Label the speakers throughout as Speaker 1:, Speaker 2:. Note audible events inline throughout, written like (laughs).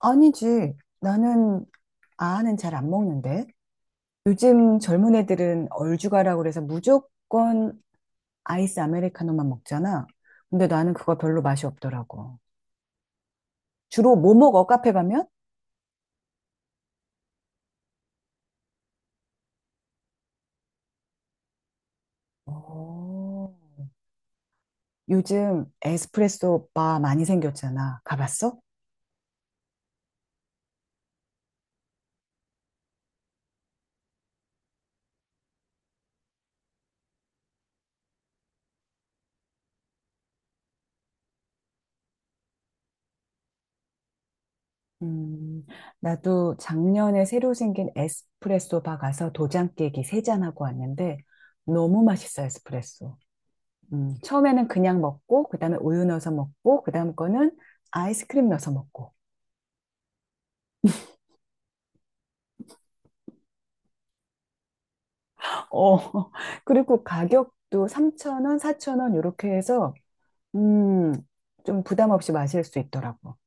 Speaker 1: 아니지. 나는 아아는 잘 안 먹는데. 요즘 젊은 애들은 얼죽아라고 그래서 무조건 아이스 아메리카노만 먹잖아. 근데 나는 그거 별로 맛이 없더라고. 주로 뭐 먹어? 카페 가면? 오. 요즘 에스프레소 바 많이 생겼잖아. 가봤어? 음, 나도 작년에 새로 생긴 에스프레소 바 가서 도장 깨기 세잔 하고 왔는데 너무 맛있어, 에스프레소. 처음에는 그냥 먹고, 그 다음에 우유 넣어서 먹고, 그 다음 거는 아이스크림 넣어서 먹고. 어, (laughs) 그리고 가격도 3,000원, 4,000원, 이렇게 해서, 음, 좀 부담 없이 마실 수 있더라고.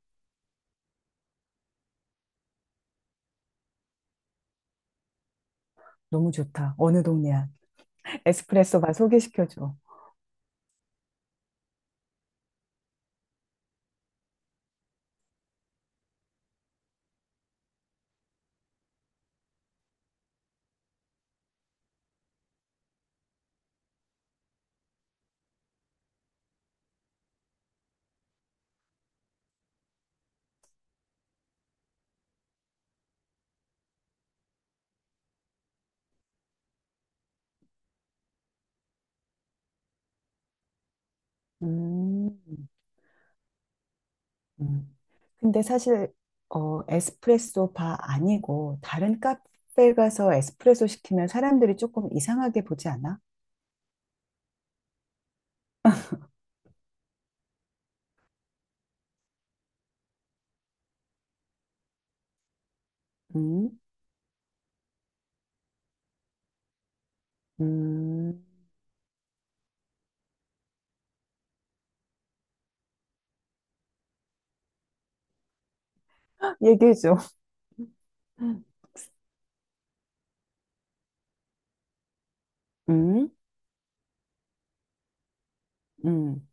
Speaker 1: 너무 좋다. 어느 동네야. 에스프레소 바 소개시켜줘. 음, 음. 근데 사실, 어, 에스프레소 바 아니고, 다른 카페 가서 에스프레소 시키면 사람들이 조금 이상하게 보지 않아? 음, 음, (laughs) 얘기해줘. 음, 음,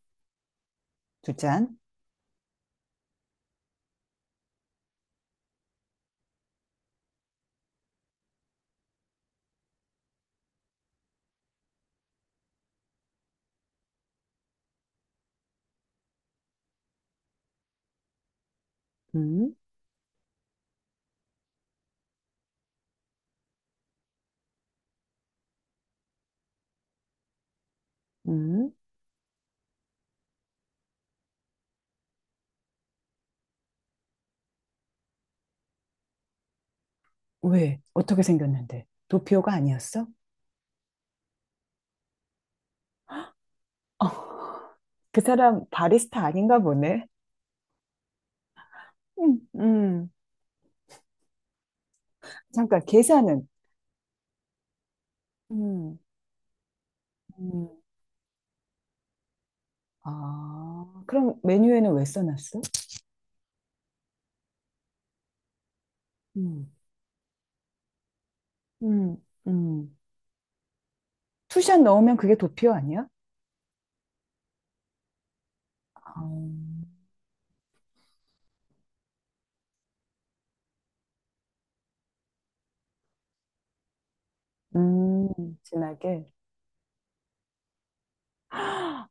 Speaker 1: 두 잔. 음, 음. 왜? 어떻게 생겼는데? 도피오가 아니었어? 어, 그 사람 바리스타 아닌가 보네. 음, 음. 잠깐, 계산은? 음, 음. 아, 그럼 메뉴에는 왜 써놨어? 음, 음, 음. 투샷 넣으면 그게 도피오 아니야? 아, 진하게.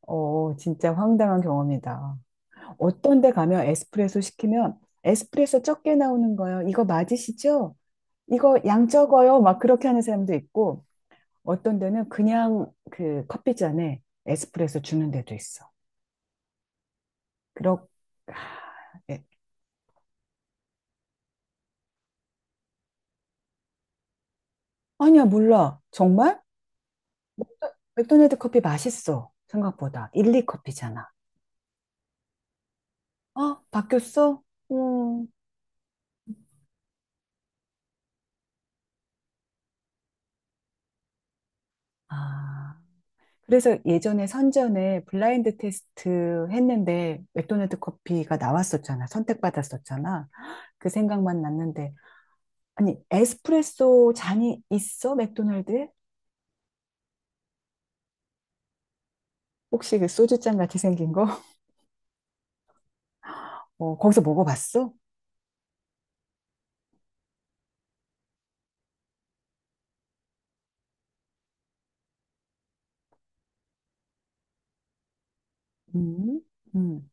Speaker 1: 어, 진짜 황당한 경험이다. 어떤 데 가면 에스프레소 시키면 에스프레소 적게 나오는 거요. 이거 맞으시죠? 이거 양 적어요. 막 그렇게 하는 사람도 있고 어떤 데는 그냥 그 커피잔에 에스프레소 주는 데도 있어. 그렇 아, 예. 아니야, 몰라. 정말? 맥도날드 커피 맛있어. 생각보다. 일리 커피잖아. 어, 바뀌었어? 음. 아. 그래서 예전에 선전에 블라인드 테스트 했는데 맥도날드 커피가 나왔었잖아. 선택받았었잖아. 그 생각만 났는데. 아니, 에스프레소 잔이 있어? 맥도날드에? 혹시 그 소주잔 같이 생긴 거? (laughs) 어, 거기서 먹어봤어? 음, 음,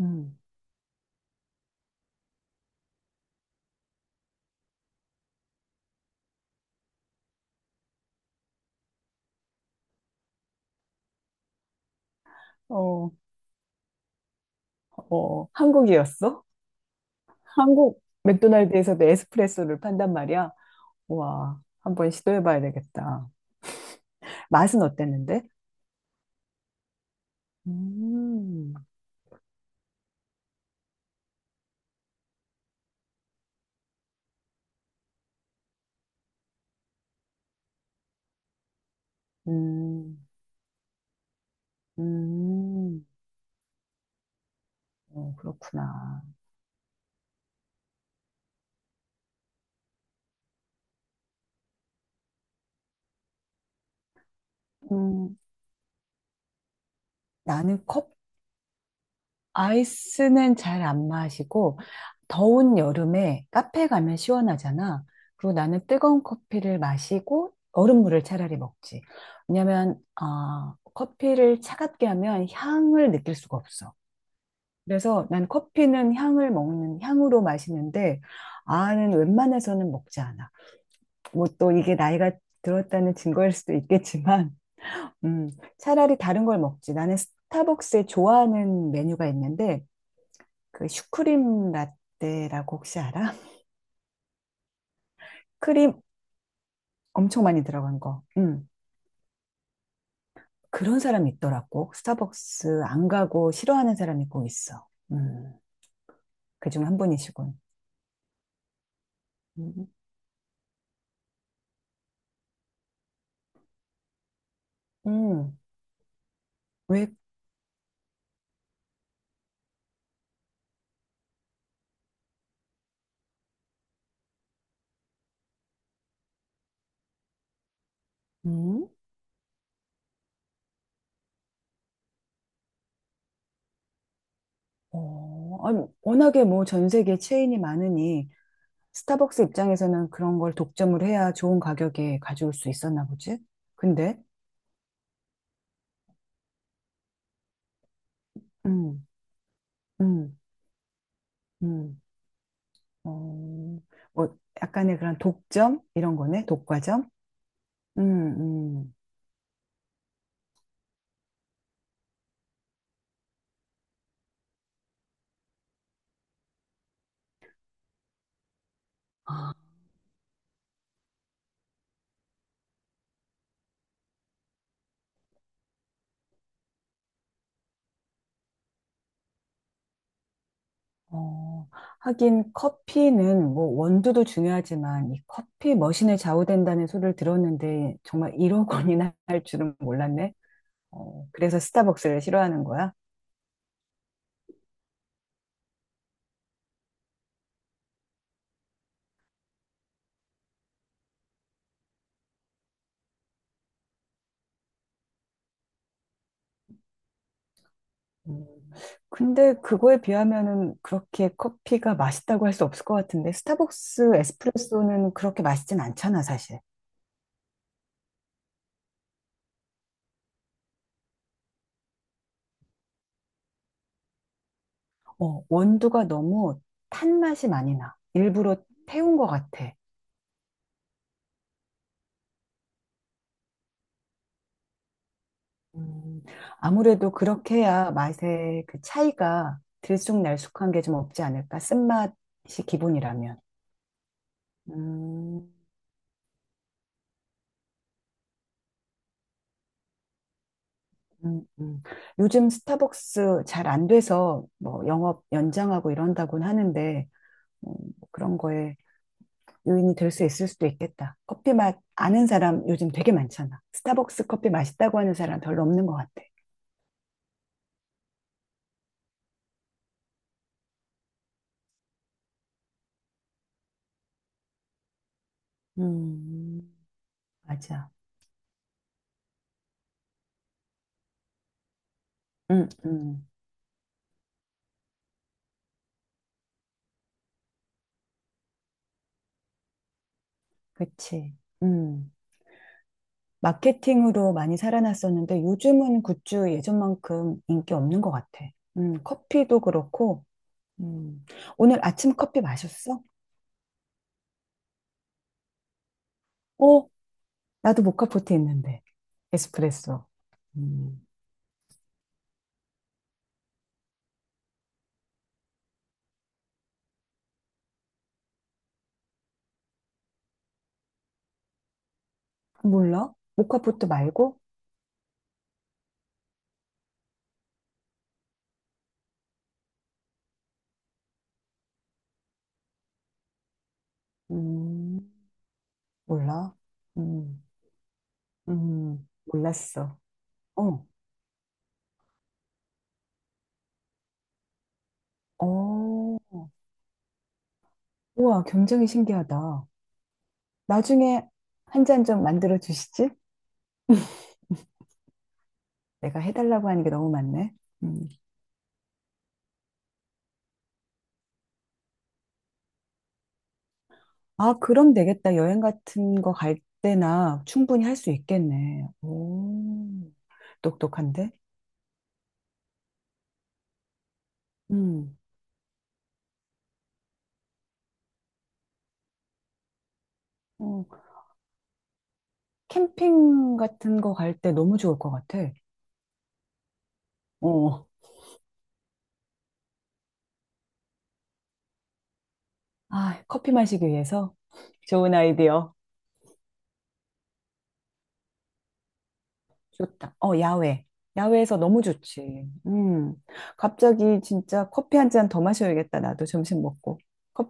Speaker 1: 음. 어, 어, 어. 한국이었어? 한국 맥도날드에서도 에스프레소를 판단 말이야. 와, 한번 시도해봐야 되겠다. 맛은 어땠는데? 음, 음. 음, 어, 그렇구나. 음, 나는 컵, 아이스는 잘 안 마시고, 더운 여름에 카페 가면 시원하잖아. 그리고 나는 뜨거운 커피를 마시고, 얼음물을 차라리 먹지. 왜냐면, 아, 커피를 차갑게 하면 향을 느낄 수가 없어. 그래서 난 커피는 향을 먹는, 향으로 마시는데, 아는 웬만해서는 먹지 않아. 뭐 또 이게 나이가 들었다는 증거일 수도 있겠지만, 음, 차라리 다른 걸 먹지. 나는 스타벅스에 좋아하는 메뉴가 있는데, 그 슈크림 라떼라고 혹시 알아? (laughs) 크림 엄청 많이 들어간 거. 그런 사람이 있더라고. 스타벅스 안 가고 싫어하는 사람이 꼭 있어. 음, 그중 한 분이시군. 음, 음, 왜, 음? 어, 아니, 워낙에 뭐 전 세계 체인이 많으니, 스타벅스 입장에서는 그런 걸 독점을 해야 좋은 가격에 가져올 수 있었나 보지? 근데, 음, 음. 음. 어, 뭐 약간의 그런 독점 이런 거네. 독과점. 음, 음. 아, 어, 하긴 커피는 뭐 원두도 중요하지만 이 커피 머신에 좌우된다는 소리를 들었는데 정말 1억 원이나 (laughs) 할 줄은 몰랐네. 어, 그래서 스타벅스를 싫어하는 거야? 음, 근데 그거에 비하면은 그렇게 커피가 맛있다고 할 수 없을 것 같은데 스타벅스 에스프레소는 그렇게 맛있진 않잖아 사실. 어, 원두가 너무 탄 맛이 많이 나. 일부러 태운 것 같아. 음, 아무래도 그렇게 해야 맛의 그 차이가 들쑥날쑥한 게 좀 없지 않을까? 쓴맛이 기본이라면. 음, 음, 음. 요즘 스타벅스 잘 안 돼서 뭐 영업 연장하고 이런다곤 하는데 음, 그런 거에 요인이 될 수 있을 수도 있겠다. 커피 맛 아는 사람 요즘 되게 많잖아. 스타벅스 커피 맛있다고 하는 사람 별로 없는 것 같아. 음, 맞아. 음, 음. 그치. 음. 마케팅으로 많이 살아났었는데 요즘은 굿즈 예전만큼 인기 없는 것 같아. 커피도 그렇고. 음. 오늘 아침 커피 마셨어? 어, 나도 모카포트 있는데. 에스프레소. 음, 몰라? 모카포트 말고? 음. 몰라. 음. 몰랐어. 어, 어, 우와, 굉장히 신기하다. 나중에 한 잔 좀 만들어 주시지? 내가 해달라고 하는 게 너무 많네. 음, 아, 그럼 되겠다. 여행 같은 거 갈 때나 충분히 할 수 있겠네. 오, 똑똑한데? 음, 어, 캠핑 같은 거 갈 때 너무 좋을 것 같아. 어, 아, 커피 마시기 위해서 좋은 아이디어. 좋다. 어, 야외. 야외에서 너무 좋지. 음. 갑자기 진짜 커피 한 잔 더 마셔야겠다. 나도 점심 먹고.